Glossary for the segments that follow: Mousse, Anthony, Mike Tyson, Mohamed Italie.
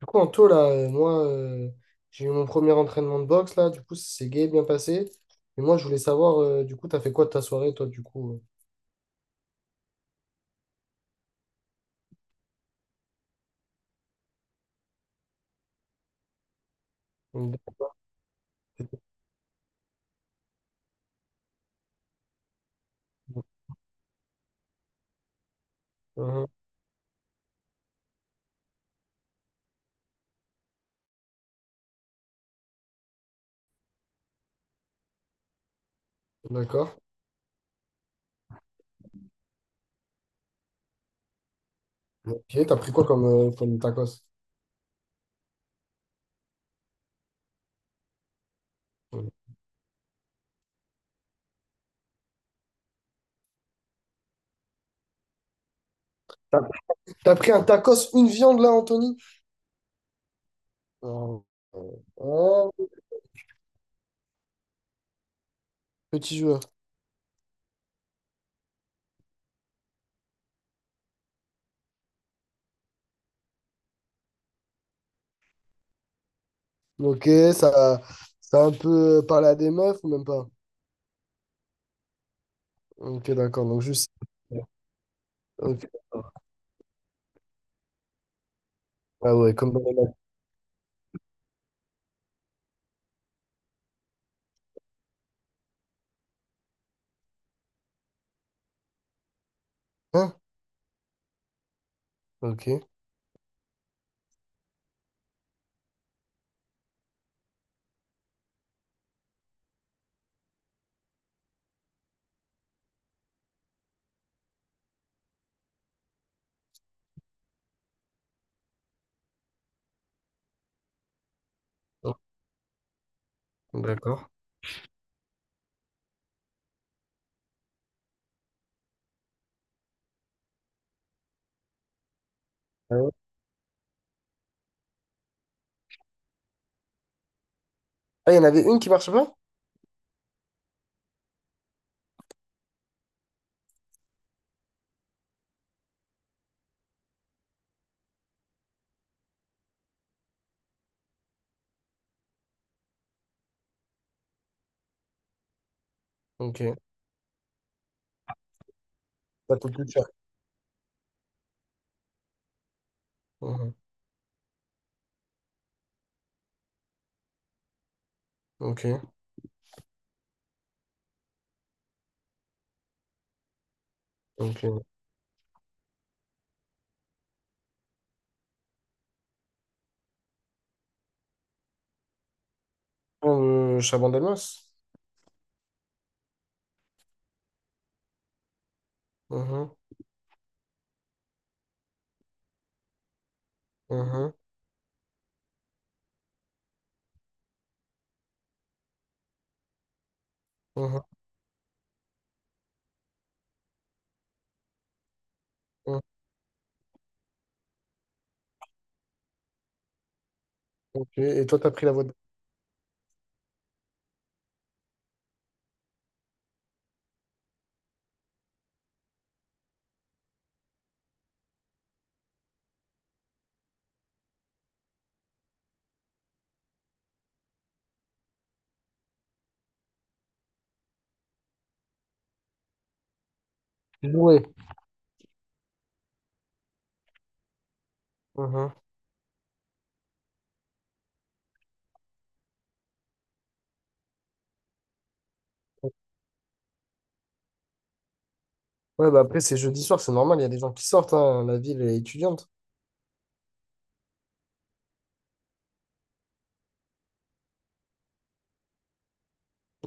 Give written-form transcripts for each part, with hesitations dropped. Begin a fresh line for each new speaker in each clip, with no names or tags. Du coup, en taux, là, moi, j'ai eu mon premier entraînement de boxe, là, du coup, c'est gay, bien passé. Et moi, je voulais savoir, du coup, t'as fait quoi de ta soirée, toi, du coup? euh Mhm. D'accord. Ok, t'as pris quoi comme, comme tacos? T'as t'as pris un tacos, une viande, là, Anthony? Oh, oh, petit joueur. Ok, ça, ça a un peu parlé à des meufs ou même pas? Ok, d'accord, donc juste... Ok. Ah ouais, comme dans les mecs. Hein. Ok, d'accord. Ah, il y en avait une qui marche pas? Ok. Ça coûte plus cher. Mhm. Ok. Ok. Chabandelmas? Mhm. Mhm. Mhm. Mhm. Ok. Et toi, t'as pris la voie de... Louer. Mhm. Ouais, bah après, c'est jeudi soir, c'est normal, il y a des gens qui sortent, hein, la ville est étudiante.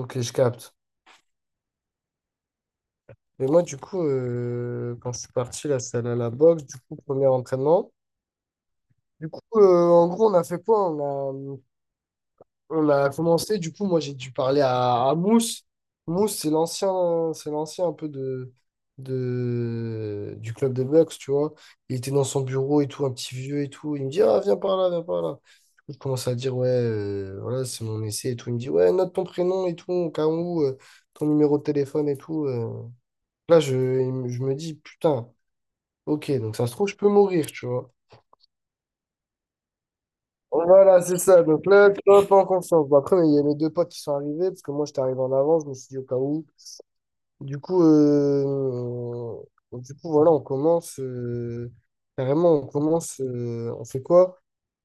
Ok, je capte. Mais moi, du coup, quand je suis parti, là, c'est allé à la boxe, du coup, premier entraînement. Du coup, en gros, on a fait quoi? On a commencé, du coup, moi j'ai dû parler à, Mousse. Mousse, c'est l'ancien, un peu du club des Bucks, tu vois. Il était dans son bureau et tout, un petit vieux et tout. Il me dit, ah, viens par là, viens par là. Du coup, je commence à dire, ouais, voilà, c'est mon essai et tout. Il me dit, ouais, note ton prénom et tout, au cas où, ton numéro de téléphone et tout. Là, je me dis, putain, ok, donc ça se trouve, je peux mourir, tu vois. Voilà, c'est ça. Donc là, tu vois, pas en confiance. Bon, après, il y a mes deux potes qui sont arrivés, parce que moi, j'étais arrivé en avance, je me suis dit au cas où. Du coup, voilà, on commence. Carrément, on commence. On fait quoi?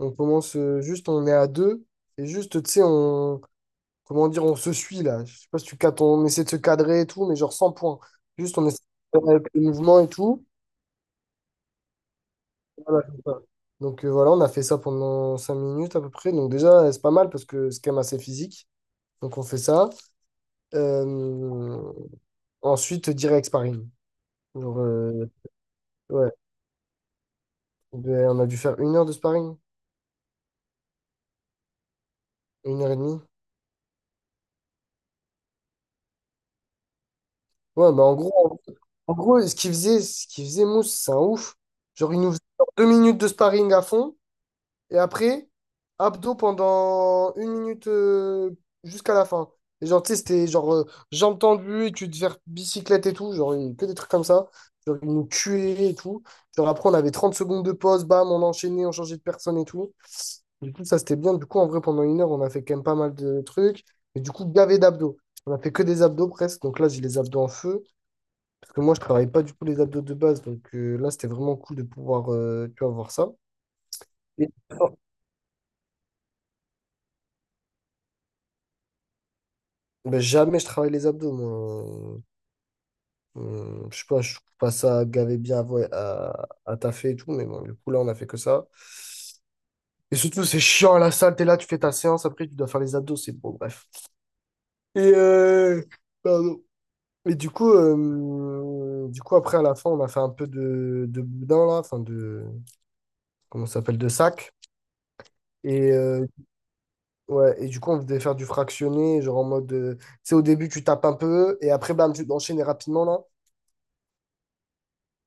On commence juste, on est à deux. Et juste, tu sais, on. Comment dire, on se suit là. Je sais pas si tu cadres, on essaie de se cadrer et tout, mais genre sans points. Juste, on essaie de faire avec le mouvement et tout. Voilà, c'est ça. Donc voilà, on a fait ça pendant 5 minutes à peu près. Donc déjà, c'est pas mal parce que c'est quand même assez physique. Donc on fait ça. Euh, Ensuite, direct sparring. Genre, ouais, ben, on a dû faire 1 heure de sparring, 1 heure et demie. Ouais, mais en gros, ce qu'il faisait, Mousse, c'est un ouf. Genre, il nous faisait 2 minutes de sparring à fond. Et après, abdos pendant 1 minute jusqu'à la fin. Et genre, tu sais, c'était genre jambes tendues et tu devais faire bicyclette et tout. Genre, que des trucs comme ça. Genre, ils nous tuaient et tout. Genre, après, on avait 30 secondes de pause, bam, on enchaînait, on changeait de personne et tout. Du coup, ça, c'était bien. Du coup, en vrai, pendant 1 heure, on a fait quand même pas mal de trucs. Mais du coup, gavé d'abdos. On a fait que des abdos presque. Donc là, j'ai les abdos en feu. Parce que moi, je travaille pas du tout les abdos de base. Donc là, c'était vraiment cool de pouvoir, tu vois, voir ça. Et ben, jamais je travaille les abdos, moi. Je sais pas, je trouve pas ça gavé bien à, à taffer et tout, mais bon, du coup, là, on a fait que ça. Et surtout, c'est chiant à la salle, t'es là, tu fais ta séance, après, tu dois faire les abdos, c'est bon, bref. Et, pardon. Et du coup, après, à la fin, on a fait un peu de, boudin, là, enfin, de, comment ça s'appelle, de sac. Et, ouais, et du coup, on devait faire du fractionné, genre en mode, tu sais, au début, tu tapes un peu, et après, bam, tu enchaînes rapidement, là.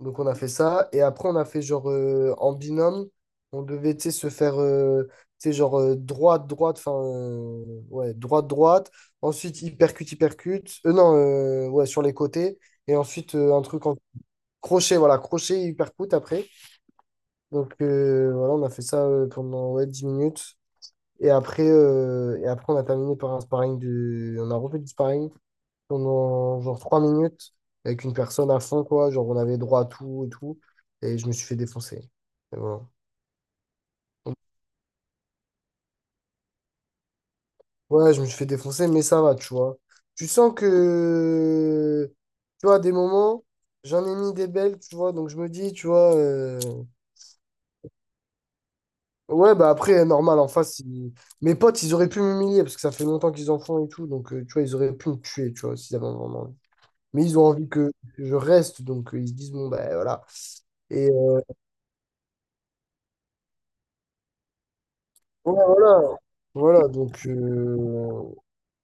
Donc on a fait ça. Et après, on a fait genre en binôme, on devait tu sais, se faire tu sais, genre droite, droite, enfin ouais, droite, droite. Ensuite, hypercute, hypercute. Non, ouais, sur les côtés. Et ensuite, un truc en crochet, voilà, crochet, hypercute après. Donc voilà, on a fait ça pendant ouais, 10 minutes. Et et après, on a terminé par un sparring de. On a refait du sparring pendant genre 3 minutes avec une personne à fond, quoi. Genre, on avait droit à tout et tout. Et je me suis fait défoncer. Et voilà. Donc, ouais, je me suis fait défoncer, mais ça va, tu vois. Tu sens que, tu vois, à des moments, j'en ai mis des belles, tu vois. Donc, je me dis, tu vois, ouais, bah après, normal, en face, mes potes, ils auraient pu m'humilier parce que ça fait longtemps qu'ils en font et tout. Donc, tu vois, ils auraient pu me tuer, tu vois, s'ils avaient vraiment envie. Mais ils ont envie que je reste, donc ils se disent, bon, ben voilà. Et ouais, voilà. Voilà,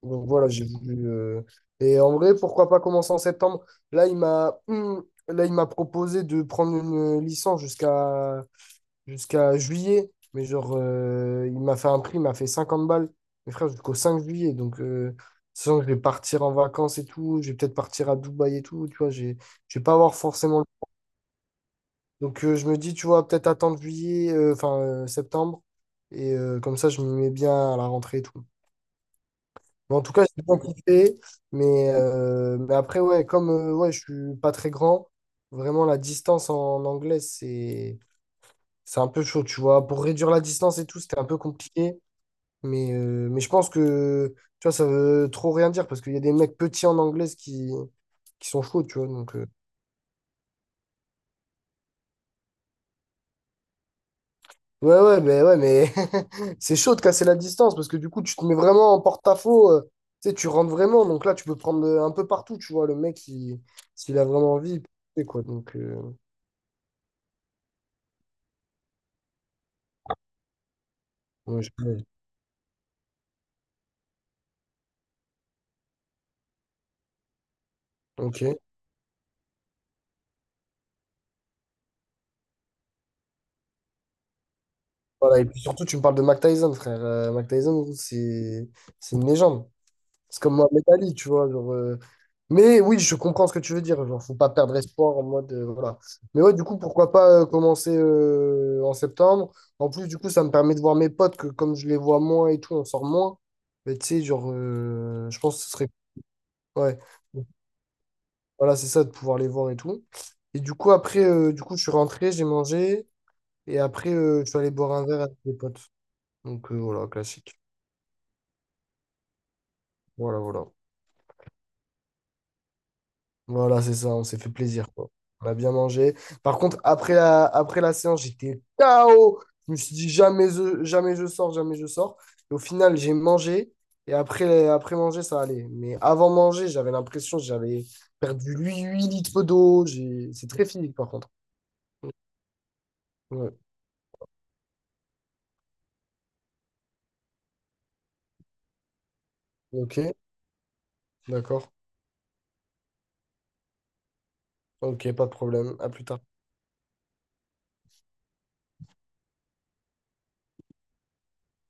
donc voilà, j'ai voulu. Et en vrai, pourquoi pas commencer en septembre? Là, il m'a proposé de prendre une licence jusqu'à juillet. Mais genre, il m'a fait un prix, il m'a fait 50 balles. Mes frères jusqu'au 5 juillet. Donc, sachant que je vais partir en vacances et tout, je vais peut-être partir à Dubaï et tout. Tu vois, je vais pas avoir forcément donc je me dis, tu vois, peut-être attendre juillet, enfin septembre. Et comme ça, je m'y mets bien à la rentrée et tout. Mais en tout cas, j'ai bien kiffé. Mais après, ouais, comme ouais, je suis pas très grand, vraiment la distance en anglais, c'est un peu chaud, tu vois. Pour réduire la distance et tout, c'était un peu compliqué. Mais je pense que, tu vois, ça veut trop rien dire parce qu'il y a des mecs petits en anglais qui sont chauds, tu vois. Donc, ouais, ouais, mais c'est chaud de casser la distance parce que du coup, tu te mets vraiment en porte-à-faux. Tu sais, tu rentres vraiment. Donc là, tu peux prendre un peu partout, tu vois. Le mec, s'il a vraiment envie, il peut tester, quoi. Donc, ouais, ouais, ok. Voilà, et puis surtout, tu me parles de Mike Tyson, frère. Mike Tyson, c'est une légende. C'est comme Mohamed Italie tu vois. Genre, mais oui, je comprends ce que tu veux dire. Genre, faut pas perdre espoir en mode. Voilà. Mais ouais, du coup, pourquoi pas commencer en septembre? En plus, du coup, ça me permet de voir mes potes que comme je les vois moins et tout, on sort moins. Mais tu sais, genre, je pense que ce serait. Ouais. Donc, voilà, c'est ça, de pouvoir les voir et tout. Et du coup, après, je suis rentré, j'ai mangé. Et après, je suis allé boire un verre avec mes potes. Donc voilà, classique. Voilà, voilà. Voilà, c'est ça, on s'est fait plaisir, quoi. On a bien mangé. Par contre, après la séance, j'étais KO. Je me suis dit jamais je sors, jamais je sors. Et au final, j'ai mangé. Et après, après manger, ça allait. Mais avant manger, j'avais l'impression que j'avais perdu 8 litres d'eau. C'est très physique, par contre. Ouais. Ok, d'accord. Ok, pas de problème. À plus tard.